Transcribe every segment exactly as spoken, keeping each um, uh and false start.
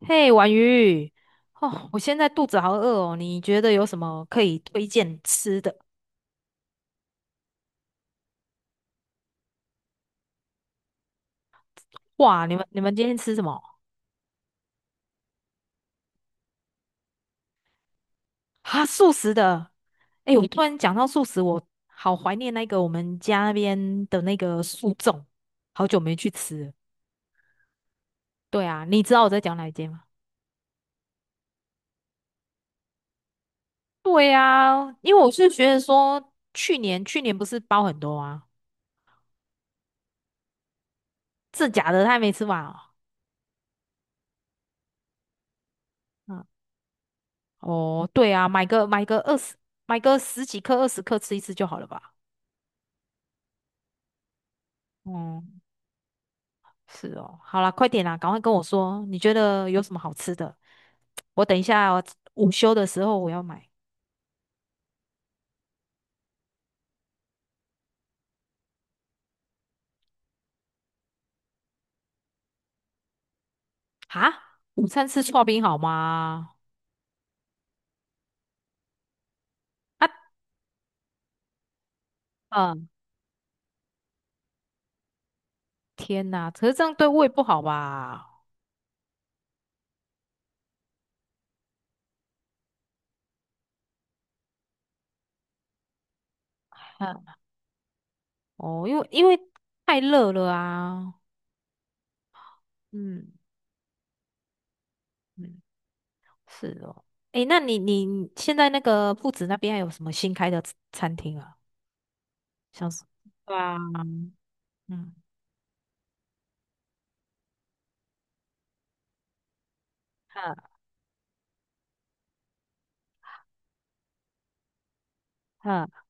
嘿，婉瑜，哦，我现在肚子好饿哦，你觉得有什么可以推荐吃的？哇，你们你们今天吃什么？啊，素食的。哎，我突然讲到素食，我好怀念那个我们家那边的那个素粽，好久没去吃了。对啊，你知道我在讲哪一间吗？对啊，因为我是觉得说，去年去年不是包很多啊，这假的他还没吃完哦。嗯。哦，对啊，买个买个二十，买个十几克、二十克吃一次就好了吧？哦、是哦，好啦，快点啦，赶快跟我说，你觉得有什么好吃的？我等一下我午休的时候我要买哈，午餐吃刨冰好吗？啊，嗯，天哪，可是这样对胃不好吧？嗯。哦，因为因为太热了啊。嗯嗯，是哦，诶，那你你你现在那个铺子那边还有什么新开的餐餐厅啊？像是对啊，嗯，哈哈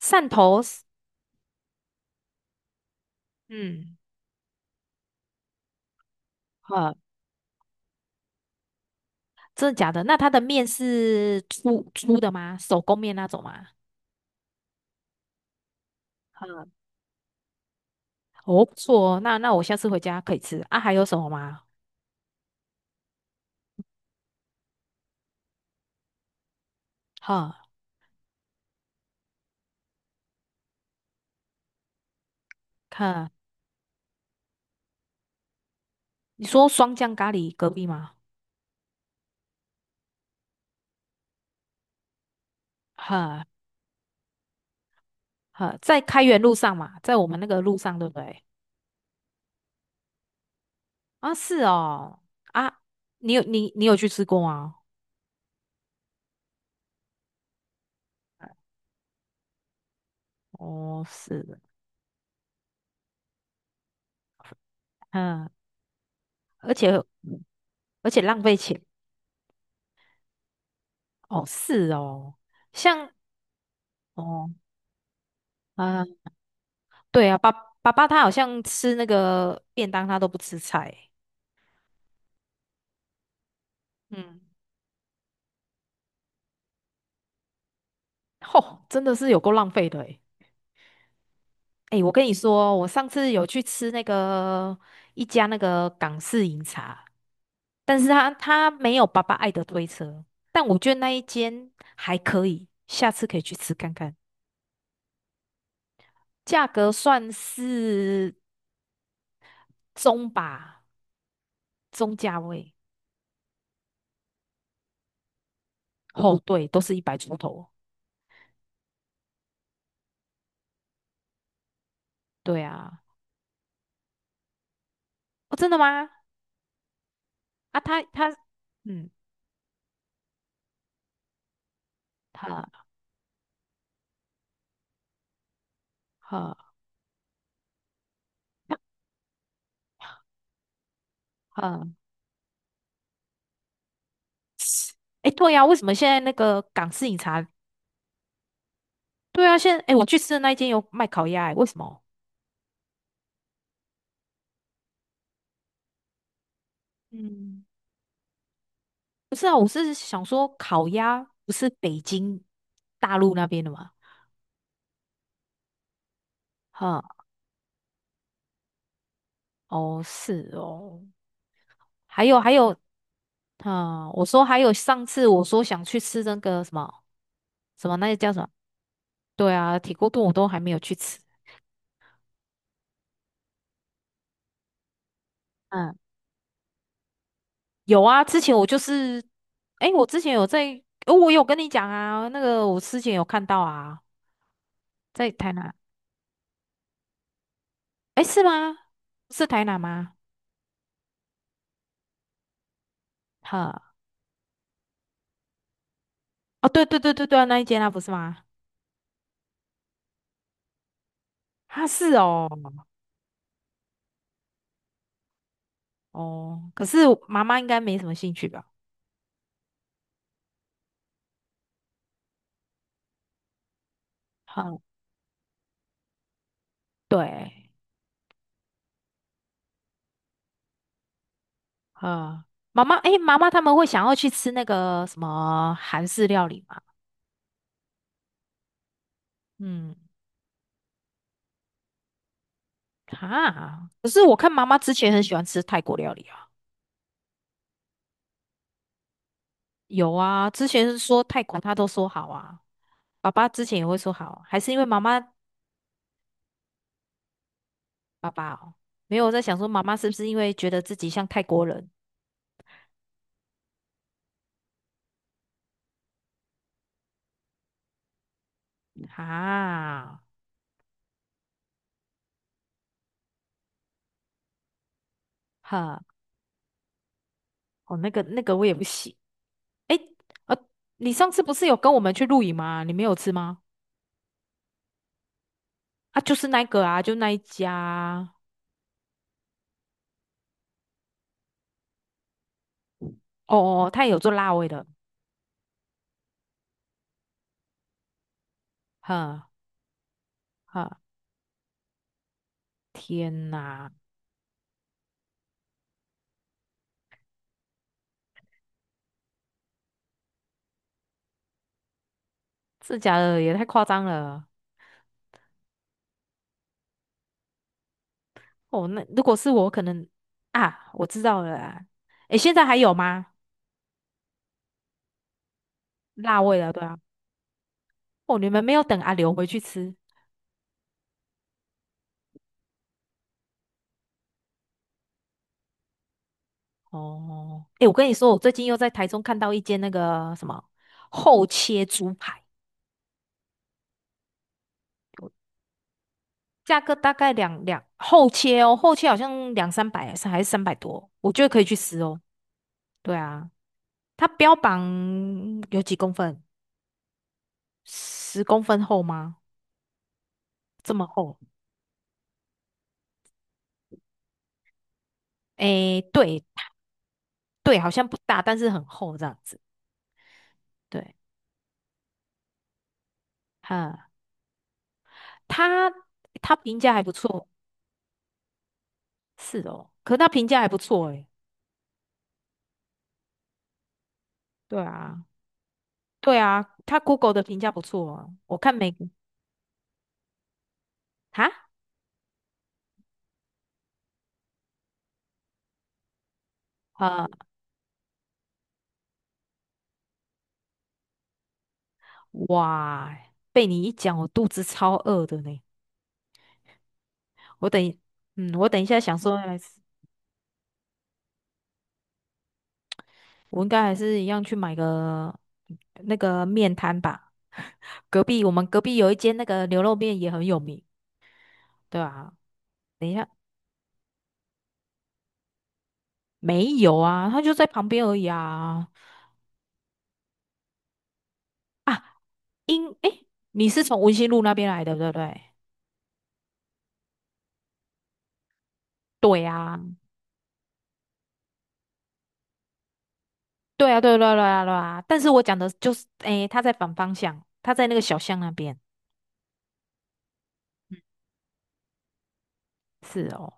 汕头是，嗯，哈。真的假的？那它的面是粗粗的吗？手工面那种吗？哈，哦，不错哦，那那我下次回家可以吃啊。还有什么吗？哈，看你说双酱咖喱隔壁吗？哈哈，在开元路上嘛，在我们那个路上，对不对？啊，是哦，啊，你有你你有去吃过吗？哦，是的，嗯，而且而且浪费钱，哦，是哦，像哦，啊。对啊，爸爸爸他好像吃那个便当，他都不吃菜。嗯，吼，真的是有够浪费的诶。诶，我跟你说，我上次有去吃那个一家那个港式饮茶，但是他他没有爸爸爱的推车，但我觉得那一间还可以，下次可以去吃看看，价格算是中吧，中价位。哦，对，都是一百出头。对啊，哦，真的吗？啊，他他，嗯，他。好，嗯，哎，对呀、为什么现在那个港式饮茶？对啊，现在哎，诶我去吃的那一间有卖烤鸭、诶为什么？嗯，不是啊，我是想说烤鸭不是北京大陆那边的吗？哈、哦，是哦，还有还有，啊、我说还有上次我说想去吃那个什么什么那个叫什么？对啊，铁锅炖我都还没有去吃。嗯，有啊，之前我就是，哎，我之前有在，呃我有跟你讲啊，那个我之前有看到啊。在台南？哎，是吗？是台南吗？呵，哦，对对对对对啊那一间啊，不是吗？啊，是哦，哦，可是我妈妈应该没什么兴趣吧？呵，对，呵，妈妈，哎，妈妈他们会想要去吃那个什么韩式料理吗？嗯，哈，可是我看妈妈之前很喜欢吃泰国料理啊，有啊，之前是说泰国她都说好啊，爸爸之前也会说好啊，还是因为妈妈爸爸哦，没有我在想说妈妈是不是因为觉得自己像泰国人啊？哈，哦，那个那个我也不行。哎，呃，你上次不是有跟我们去露营吗？你没有吃吗？啊，就是那个啊，就那一家啊哦哦，他也有做辣味的。哈哈，天哪，这假的也太夸张了。哦，那如果是我，可能啊，我知道了啦。哎，现在还有吗？辣味的，对啊。哦，你们没有等阿刘回去吃。哦，哎，我跟你说，我最近又在台中看到一间那个什么厚切猪排，价格大概两两厚切哦，厚切好像两三百还是还是三百多，我觉得可以去吃哦。对啊，它标榜有几公分？十公分厚吗？这么厚？哎，对对，好像不大，但是很厚这样子。对，哈，他他评价还不错，是哦，可他评价还不错诶，对啊。对啊，他 Google 的评价不错哦。我看美国哈啊、哇，被你一讲，我肚子超饿的呢。我等一嗯，我等一下想说还是我应该还是一样去买个那个面摊吧。隔壁我们隔壁有一间那个牛肉面也很有名，对啊。等一下没有啊，它就在旁边而已啊。啊，因诶，你是从文心路那边来的，对不对？对啊，对啊，对啊对啊对啊对啊，但是我讲的就是，诶，他在反方向，他在那个小巷那边。嗯是哦，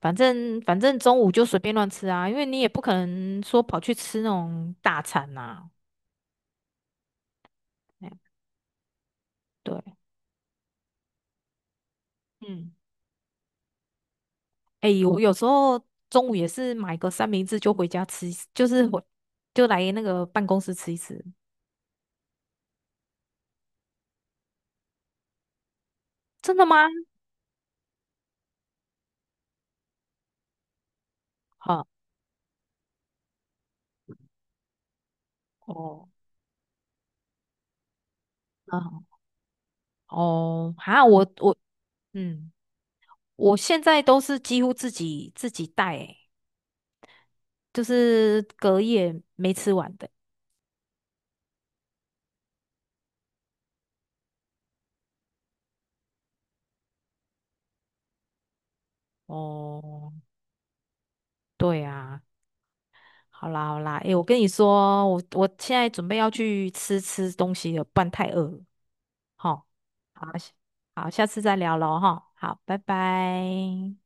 反正反正中午就随便乱吃啊，因为你也不可能说跑去吃那种大餐呐、哎对，嗯，诶，我有时候中午也是买个三明治就回家吃一吃就是回就来那个办公室吃一吃。真的吗？好、哦，嗯，哦，哈，我我嗯，我现在都是几乎自己自己带、欸。就是隔夜没吃完的。哦，对啊，好啦好啦，诶，我跟你说，我我现在准备要去吃吃东西了，不然太饿了。好，好，好，下次再聊喽，哈，好，拜拜。